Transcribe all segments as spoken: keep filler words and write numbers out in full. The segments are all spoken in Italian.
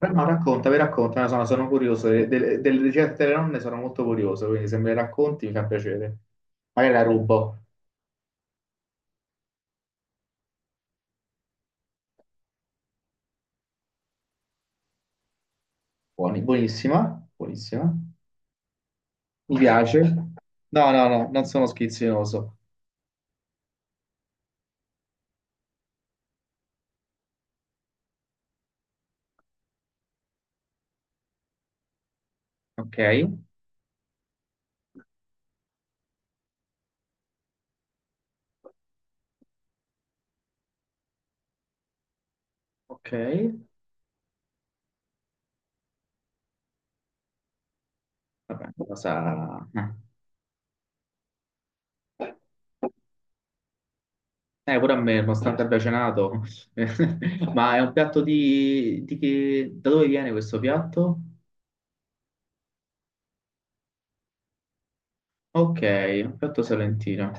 Beh, no, raccontami, raccontami, sono, sono curioso, de- de- delle ricette delle nonne sono molto curioso, quindi se me le racconti mi fa piacere. Magari la rubo. Buoni, buonissima, buonissima, mi piace. No, no, no, non sono schizzinoso. Ok, ok, vabbè, cosa... Eh, pure a me, nonostante abbia cenato. Ma è un piatto di... di che... Da dove viene questo piatto? Ok, un piatto salentino.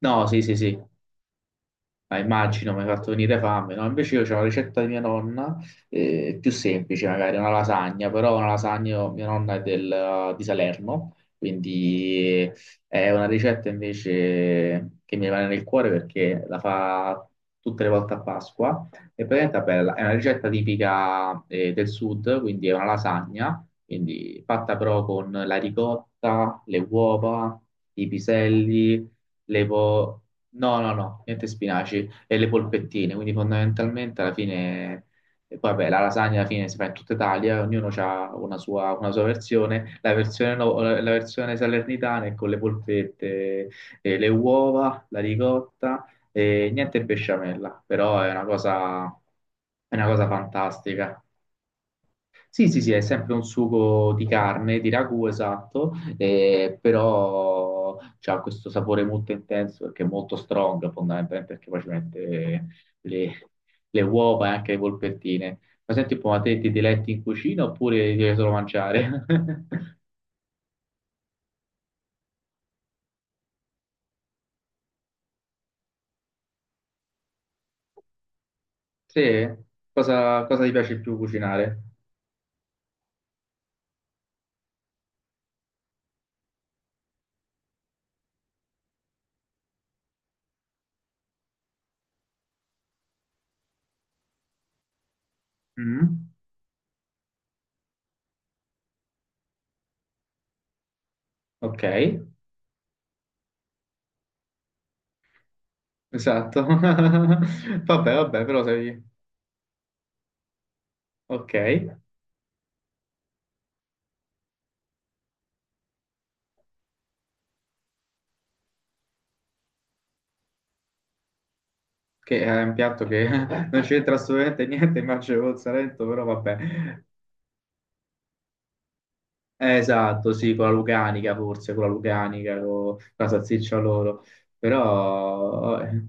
No, sì, sì, sì. Ah, immagino, mi hai fatto venire fame, no? Invece io ho la ricetta di mia nonna, eh, più semplice magari, una lasagna, però una lasagna, mia nonna è del- eh, di Salerno, quindi è una ricetta invece che mi rimane nel cuore perché la fa tutte le volte a Pasqua, e praticamente è bella, è una ricetta tipica, eh, del sud, quindi è una lasagna, quindi fatta però con la ricotta, le uova, i piselli, le po... no, no, no, niente spinaci e le polpettine, quindi fondamentalmente alla fine, e poi vabbè, la lasagna alla fine si fa in tutta Italia, ognuno ha una sua, una sua versione, la versione, no- la versione salernitana è con le polpette, e le uova, la ricotta e niente besciamella, però è una cosa, è una cosa fantastica. Sì, sì, sì, è sempre un sugo di carne, di ragù, esatto, eh, però ha questo sapore molto intenso perché è molto strong, fondamentalmente, perché poi ci mette le, le uova e anche le polpettine. Ma senti un po', ma te ti diletti in cucina oppure devi solo mangiare? Sì? Cosa, cosa ti piace più cucinare? Mm? Ok, esatto. Vabbè, vabbè, però sei... Ok. Che è un piatto che non c'entra assolutamente niente, Marcello col Salento, però vabbè. Eh, Esatto, sì, con la Lucanica forse, con la Lucanica, con la salsiccia loro, però... Eh,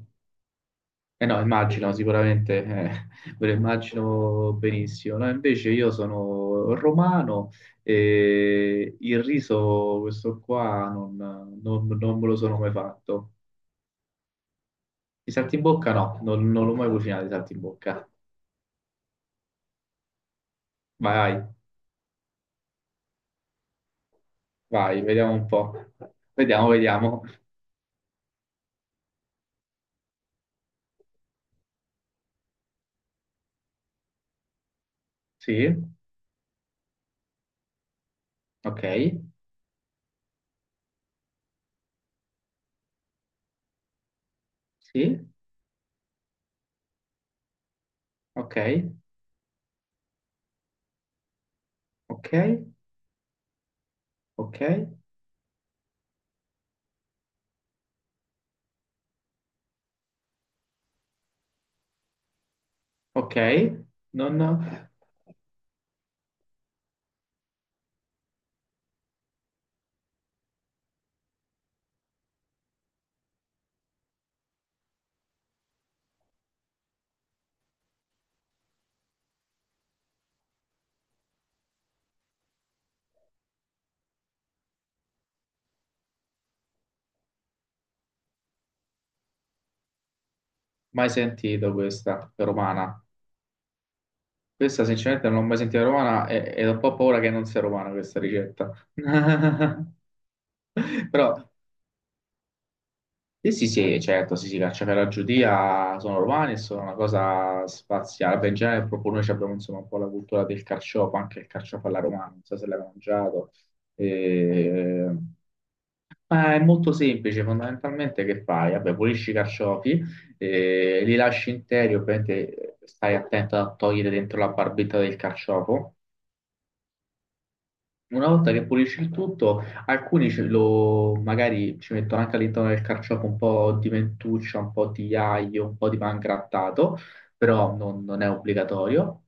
eh no, immagino sicuramente, eh, ve lo immagino benissimo. No, invece io sono romano e il riso, questo qua, non, non- non me lo sono mai fatto. I saltimbocca no, non, non l'ho mai cucinato i saltimbocca. Vai, vai. Vai, vediamo un po'. Vediamo, vediamo. Sì, ok, sì, ok, ok, ok, ok. Non ho mai sentito questa romana. Questa sinceramente non l'ho mai sentita romana e, e ho un po' paura che non sia romana questa ricetta. Però sì, sì, sì, certo, sì, sì, cacciavite alla giudia sono romani e sono una cosa spaziale. Beh, in genere proprio noi ci abbiamo insomma un po' la cultura del carciofo, anche il carciofo alla romana, non so se l'hai mangiato. Eh, Ma è molto semplice, fondamentalmente che fai? Vabbè, pulisci i carciofi, eh, li lasci interi, ovviamente eh, stai attento a togliere dentro la barbetta del carciofo, una volta che pulisci il tutto, alcuni ce lo, magari ci mettono anche all'interno del carciofo un po' di mentuccia, un po' di aglio, un po' di pangrattato, però non, non è obbligatorio.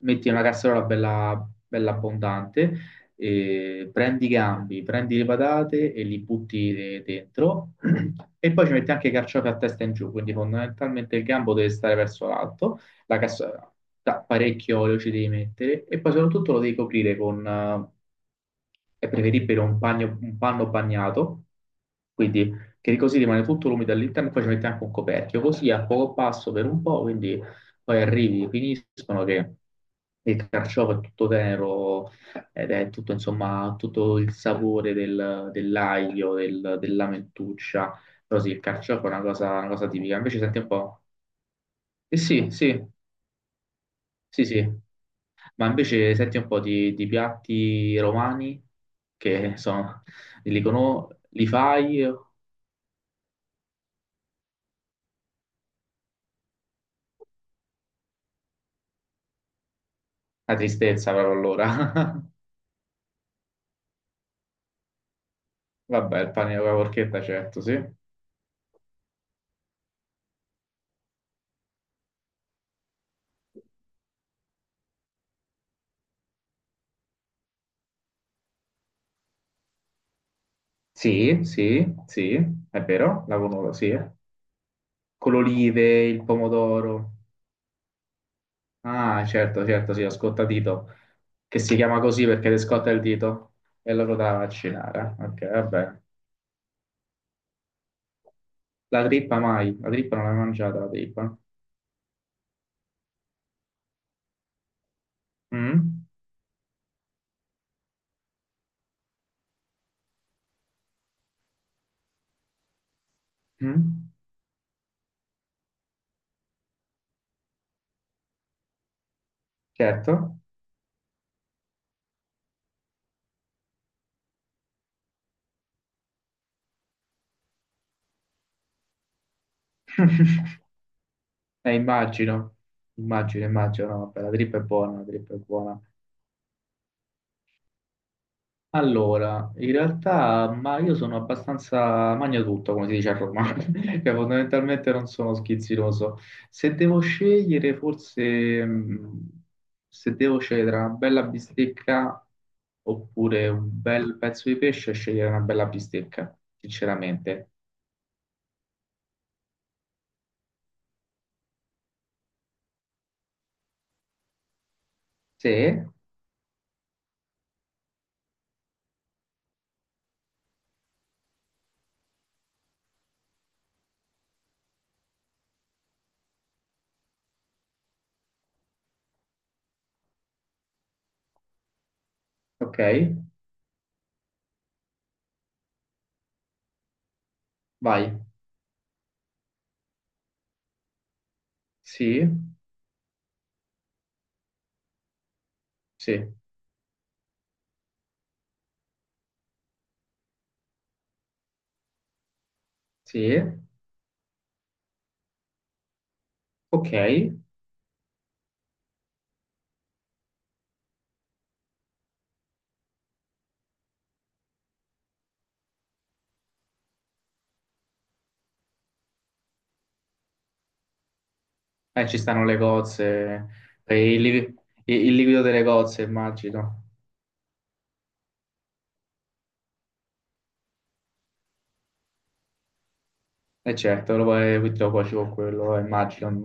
Metti una casseruola bella, bella abbondante, e prendi i gambi, prendi le patate e li butti de- dentro e poi ci metti anche i carciofi a testa in giù, quindi fondamentalmente il gambo deve stare verso l'alto la cassola da parecchio olio ci devi mettere e poi soprattutto lo devi coprire con, eh, è preferibile un, bagno- un panno bagnato, quindi che così rimane tutto l'umido all'interno, poi ci metti anche un coperchio, così a poco passo per un po', quindi poi arrivi, finiscono che il carciofo è tutto tenero ed è tutto, insomma, tutto il sapore del- dell'aglio, del- della mentuccia, però sì, il carciofo è una cosa, una cosa tipica, invece senti un po'... Eh sì, sì, sì, sì, ma invece senti un po' di, di piatti romani che sono, li, cono- li fai? La tristezza però allora. Vabbè, il pane con la porchetta certo, sì. Sì, sì, sì, è vero, la conosco, sì. Con l'olive, il pomodoro. Ah, certo, certo, sì, lo scottadito, che si chiama così perché ti scotta il dito e loro da vaccinare. Ok, vabbè. La trippa mai, la trippa non l'hai mangiata, la trippa. Mm? Mm? Certo. Eh, immagino, immagino, immagino, no, vabbè, la trip è buona, la trip è buona. Allora, in realtà, ma io sono abbastanza magnatutto, come si dice a Roma, cioè fondamentalmente non sono schizzinoso. Se devo scegliere, forse, mh, se devo scegliere tra una bella bistecca oppure un bel pezzo di pesce, scegliere una bella bistecca, sinceramente. Sì, ok, vai, sì, sì, sì, ok. Eh, ci stanno le cozze, eh, il, livi- il- il liquido delle cozze, immagino. E certo, lo puoi, lo cuoci con quello, eh, immagino.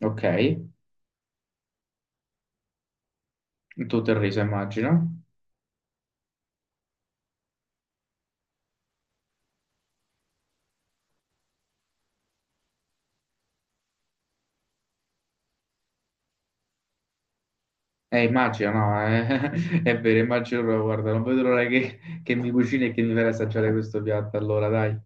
Ok, tutto il riso, immagino. Eh, immagino, no, eh, è vero, immagino, guarda, non vedo l'ora che, che mi cucini e che mi fai assaggiare questo piatto, allora, dai.